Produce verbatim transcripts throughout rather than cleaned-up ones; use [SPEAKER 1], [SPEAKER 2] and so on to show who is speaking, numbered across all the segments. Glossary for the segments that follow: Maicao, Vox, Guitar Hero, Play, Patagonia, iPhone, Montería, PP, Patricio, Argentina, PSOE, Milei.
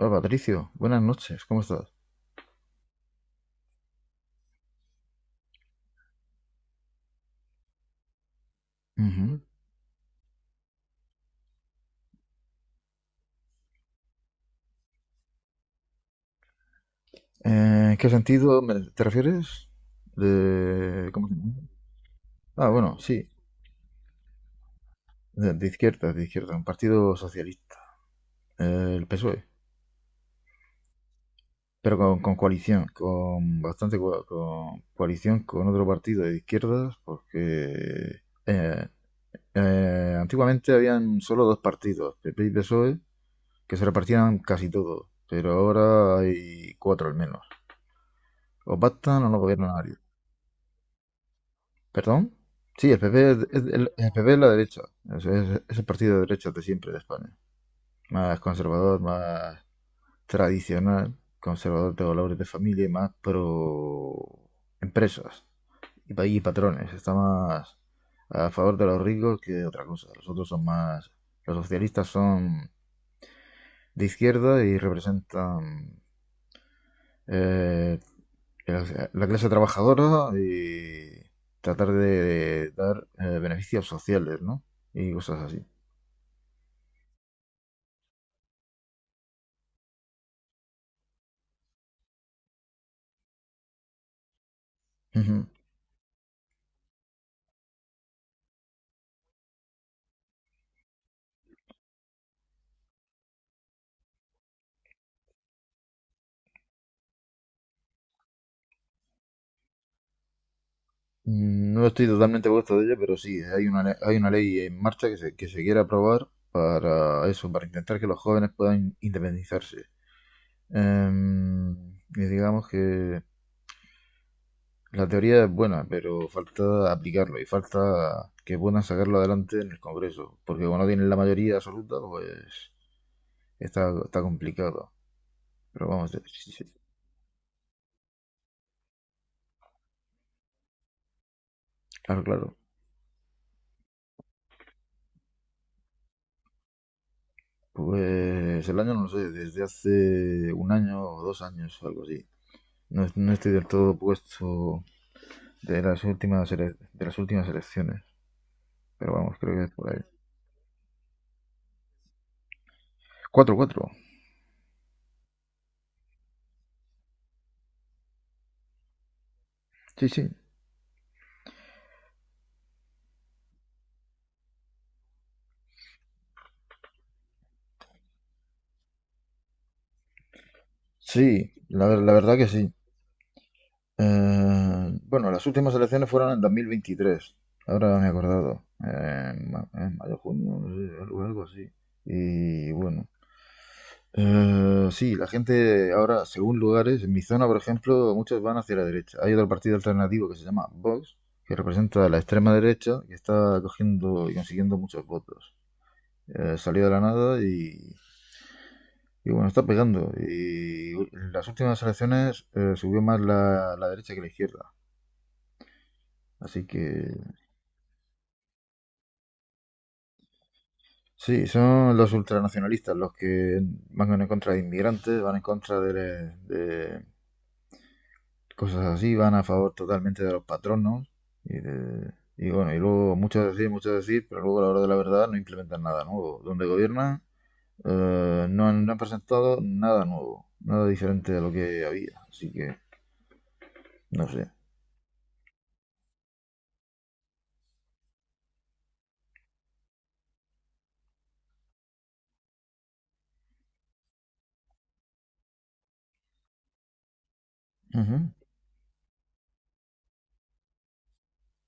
[SPEAKER 1] Hola Patricio, buenas noches, ¿cómo estás? Ujú. Eh, ¿qué sentido me- te refieres? De, ¿cómo se llama? Ah, bueno, sí, de, de izquierda, de izquierda, un partido socialista, eh, el P S O E, pero con, con coalición, con bastante co- con coalición con otro partido de izquierdas, porque eh, eh, antiguamente habían solo dos partidos, P P y P S O E, que se repartían casi todo, pero ahora hay cuatro al menos. O pactan o no gobierna nadie. ¿Perdón? Sí, el P P es, es- el, el P P es la derecha. Es, es- es el partido de derecha de siempre de España. Más conservador, más tradicional, conservador de valores de familia y más pro empresas y, pa- y patrones. Está más a favor de los ricos que de otra cosa. Los otros son más. Los socialistas son de izquierda y representan, eh, la la clase trabajadora y tratar de dar, eh, beneficios sociales, ¿no? Y cosas así. Ujú. Mm, No estoy totalmente puesto de ello, pero sí, hay una, le- hay una ley en marcha que se, que se quiere aprobar para eso, para intentar que los jóvenes puedan independizarse. Em, y digamos que la teoría es buena, pero falta aplicarlo y falta que puedan sacarlo adelante en el Congreso, porque como no tienen la mayoría absoluta, pues Está, está complicado. Pero vamos, eh, sí, sí, sí. Claro, claro. Pues el año no lo sé, desde hace un año o dos años algo así. No, es- no estoy del todo puesto de las últimas ele- de las últimas elecciones. Pero vamos, creo que es por ahí. cuatro cuatro Sí, sí. Sí, la, ver- la verdad que sí. Eh, bueno, las últimas elecciones fueron en dos mil veintitrés. Ahora me he acordado. Eh, en ma- en mayo, junio, no sé, algo, algo así. Y bueno, Eh, sí, la gente ahora, según lugares, en mi zona, por ejemplo, muchos van hacia la derecha. Hay otro partido alternativo que se llama Vox, que representa a la extrema derecha y está cogiendo y consiguiendo muchos votos. Eh, salió de la nada y, y bueno, está pegando. Y en las últimas elecciones, eh, subió más la, la derecha que la izquierda. Así que sí, son los ultranacionalistas los que van en contra de inmigrantes, van en contra de, de cosas así, van a favor totalmente de los patronos y de. Y bueno, y luego mucho decir, mucho decir, pero luego a la hora de la verdad no implementan nada nuevo. Donde gobiernan, eh, no, han, no han presentado nada nuevo, nada diferente de lo que había. Así que no sé. Ujú,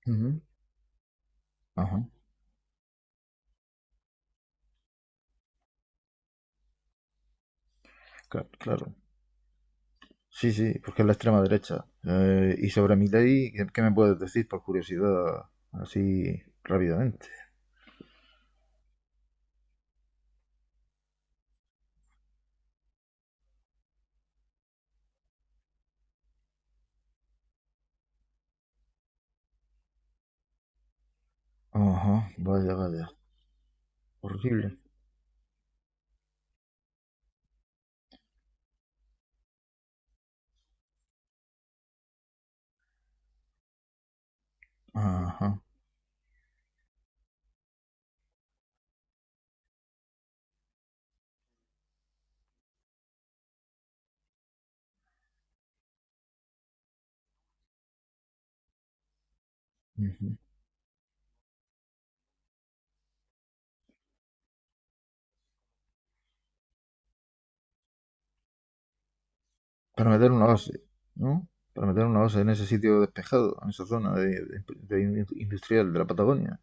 [SPEAKER 1] ujú, ajá, claro, claro. Sí, sí, porque es la extrema derecha. Eh, y sobre Milei, ¿qué, qué me puedes decir por curiosidad así rápidamente? Ajá, vaya, vaya. Horrible. Ajá. Ujú. Para meter una base, ¿no? Para meter una base en ese sitio despejado, en esa zona de, de- de industrial de la Patagonia.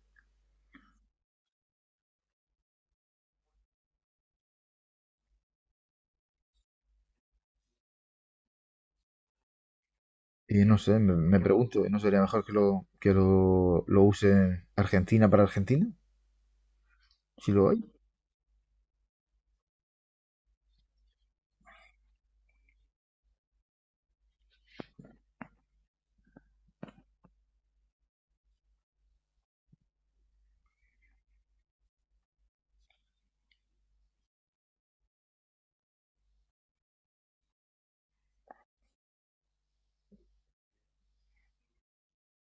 [SPEAKER 1] Y no sé, me, me pregunto, ¿no sería mejor que lo, que lo, lo use Argentina para Argentina? Si lo hay.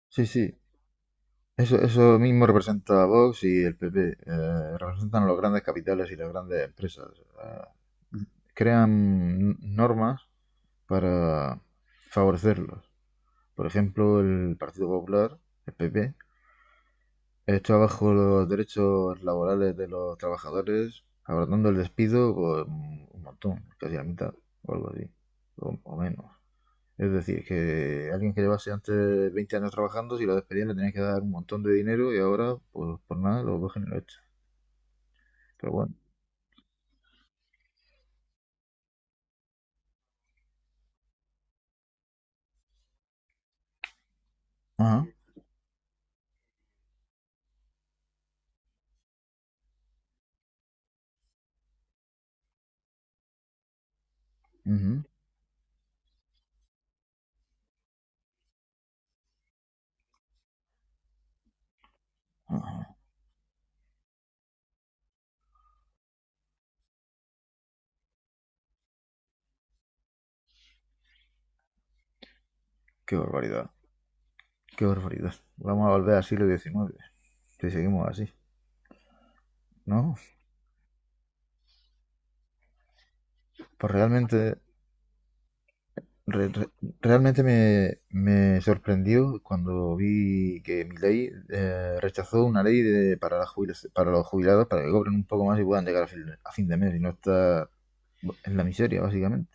[SPEAKER 1] Sí, sí. Eso, eso mismo representa a Vox y el P P. Eh, representan los grandes capitales y las grandes empresas. eh, Crean normas para favorecerlos. Por ejemplo, el Partido Popular, el P P, esto abajo los derechos laborales de los trabajadores, abordando el despido, pues un montón, casi la mitad, o algo así, o, o menos. Es decir, que alguien que llevase antes veinte años trabajando, si lo despedían le tenían que dar un montón de dinero y ahora, pues por nada, lo cogen y lo echan. Pero bueno. Ajá, ujú, ajá. Qué barbaridad, qué barbaridad. Vamos a volver al siglo diecinueve, si seguimos así, ¿no? Pues realmente Re- re- realmente me, me sorprendió cuando vi que Milei, eh, rechazó una ley de, para, la jubila- para los jubilados para que cobren un poco más y puedan llegar a fin, a fin de mes y no estar en la miseria, básicamente.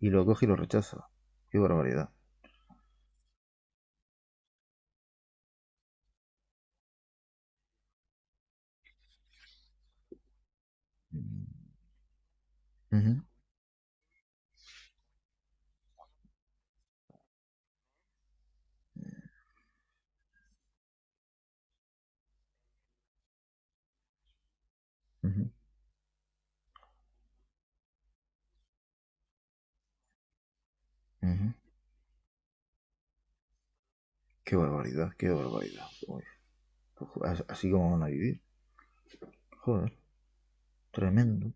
[SPEAKER 1] Y lo coge y lo rechaza. Qué barbaridad. Mm. Ujú, ujú, ujú. Qué barbaridad, qué barbaridad. Uy, pues, as- así como van a vivir. Joder, tremendo.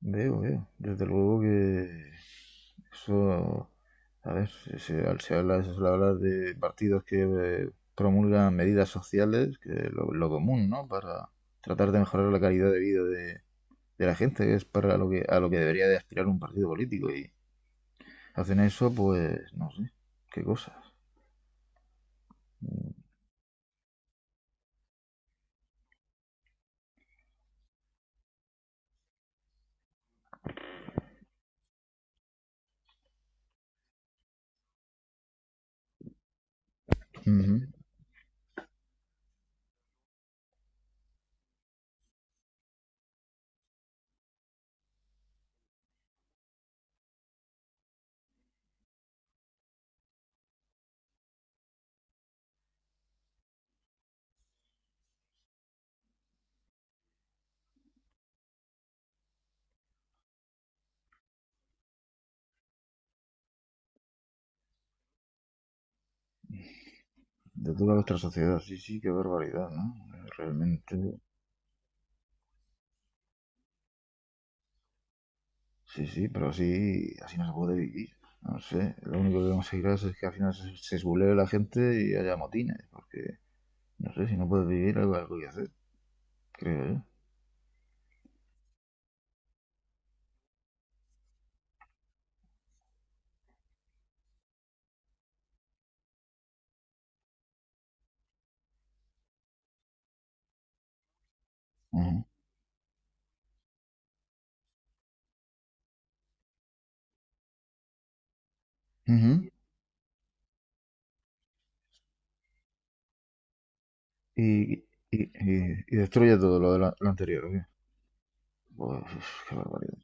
[SPEAKER 1] Veo, veo. Desde luego que eso, a ver, se, se- habla, se suele hablar de partidos que, eh, promulgan medidas sociales, que es lo, lo común, ¿no? Para tratar de mejorar la calidad de vida de, de la gente, que es para lo que, a lo que debería de aspirar un partido político. Y hacen eso, pues, no sé, qué cosas. Ujú. De toda nuestra sociedad, sí, sí, qué barbaridad, ¿no? Realmente. Sí, sí, pero así, así no se puede vivir. No sé, lo único que conseguirás es que al final se, se esbulee la gente y haya motines, porque no sé, si no puedes vivir, algo, algo hay que hacer, creo yo. Ujú. Ujú. Y, y, y- y destruye todo lo, de la- lo anterior, ¿o qué? Pues, uf, qué barbaridad.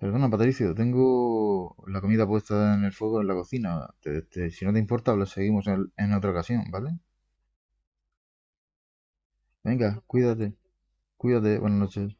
[SPEAKER 1] Perdona, Patricio, tengo la comida puesta en el fuego en la cocina. Te- te- si no te importa, lo seguimos en, en otra ocasión, ¿vale? Venga, cuídate, cuídate, buenas noches.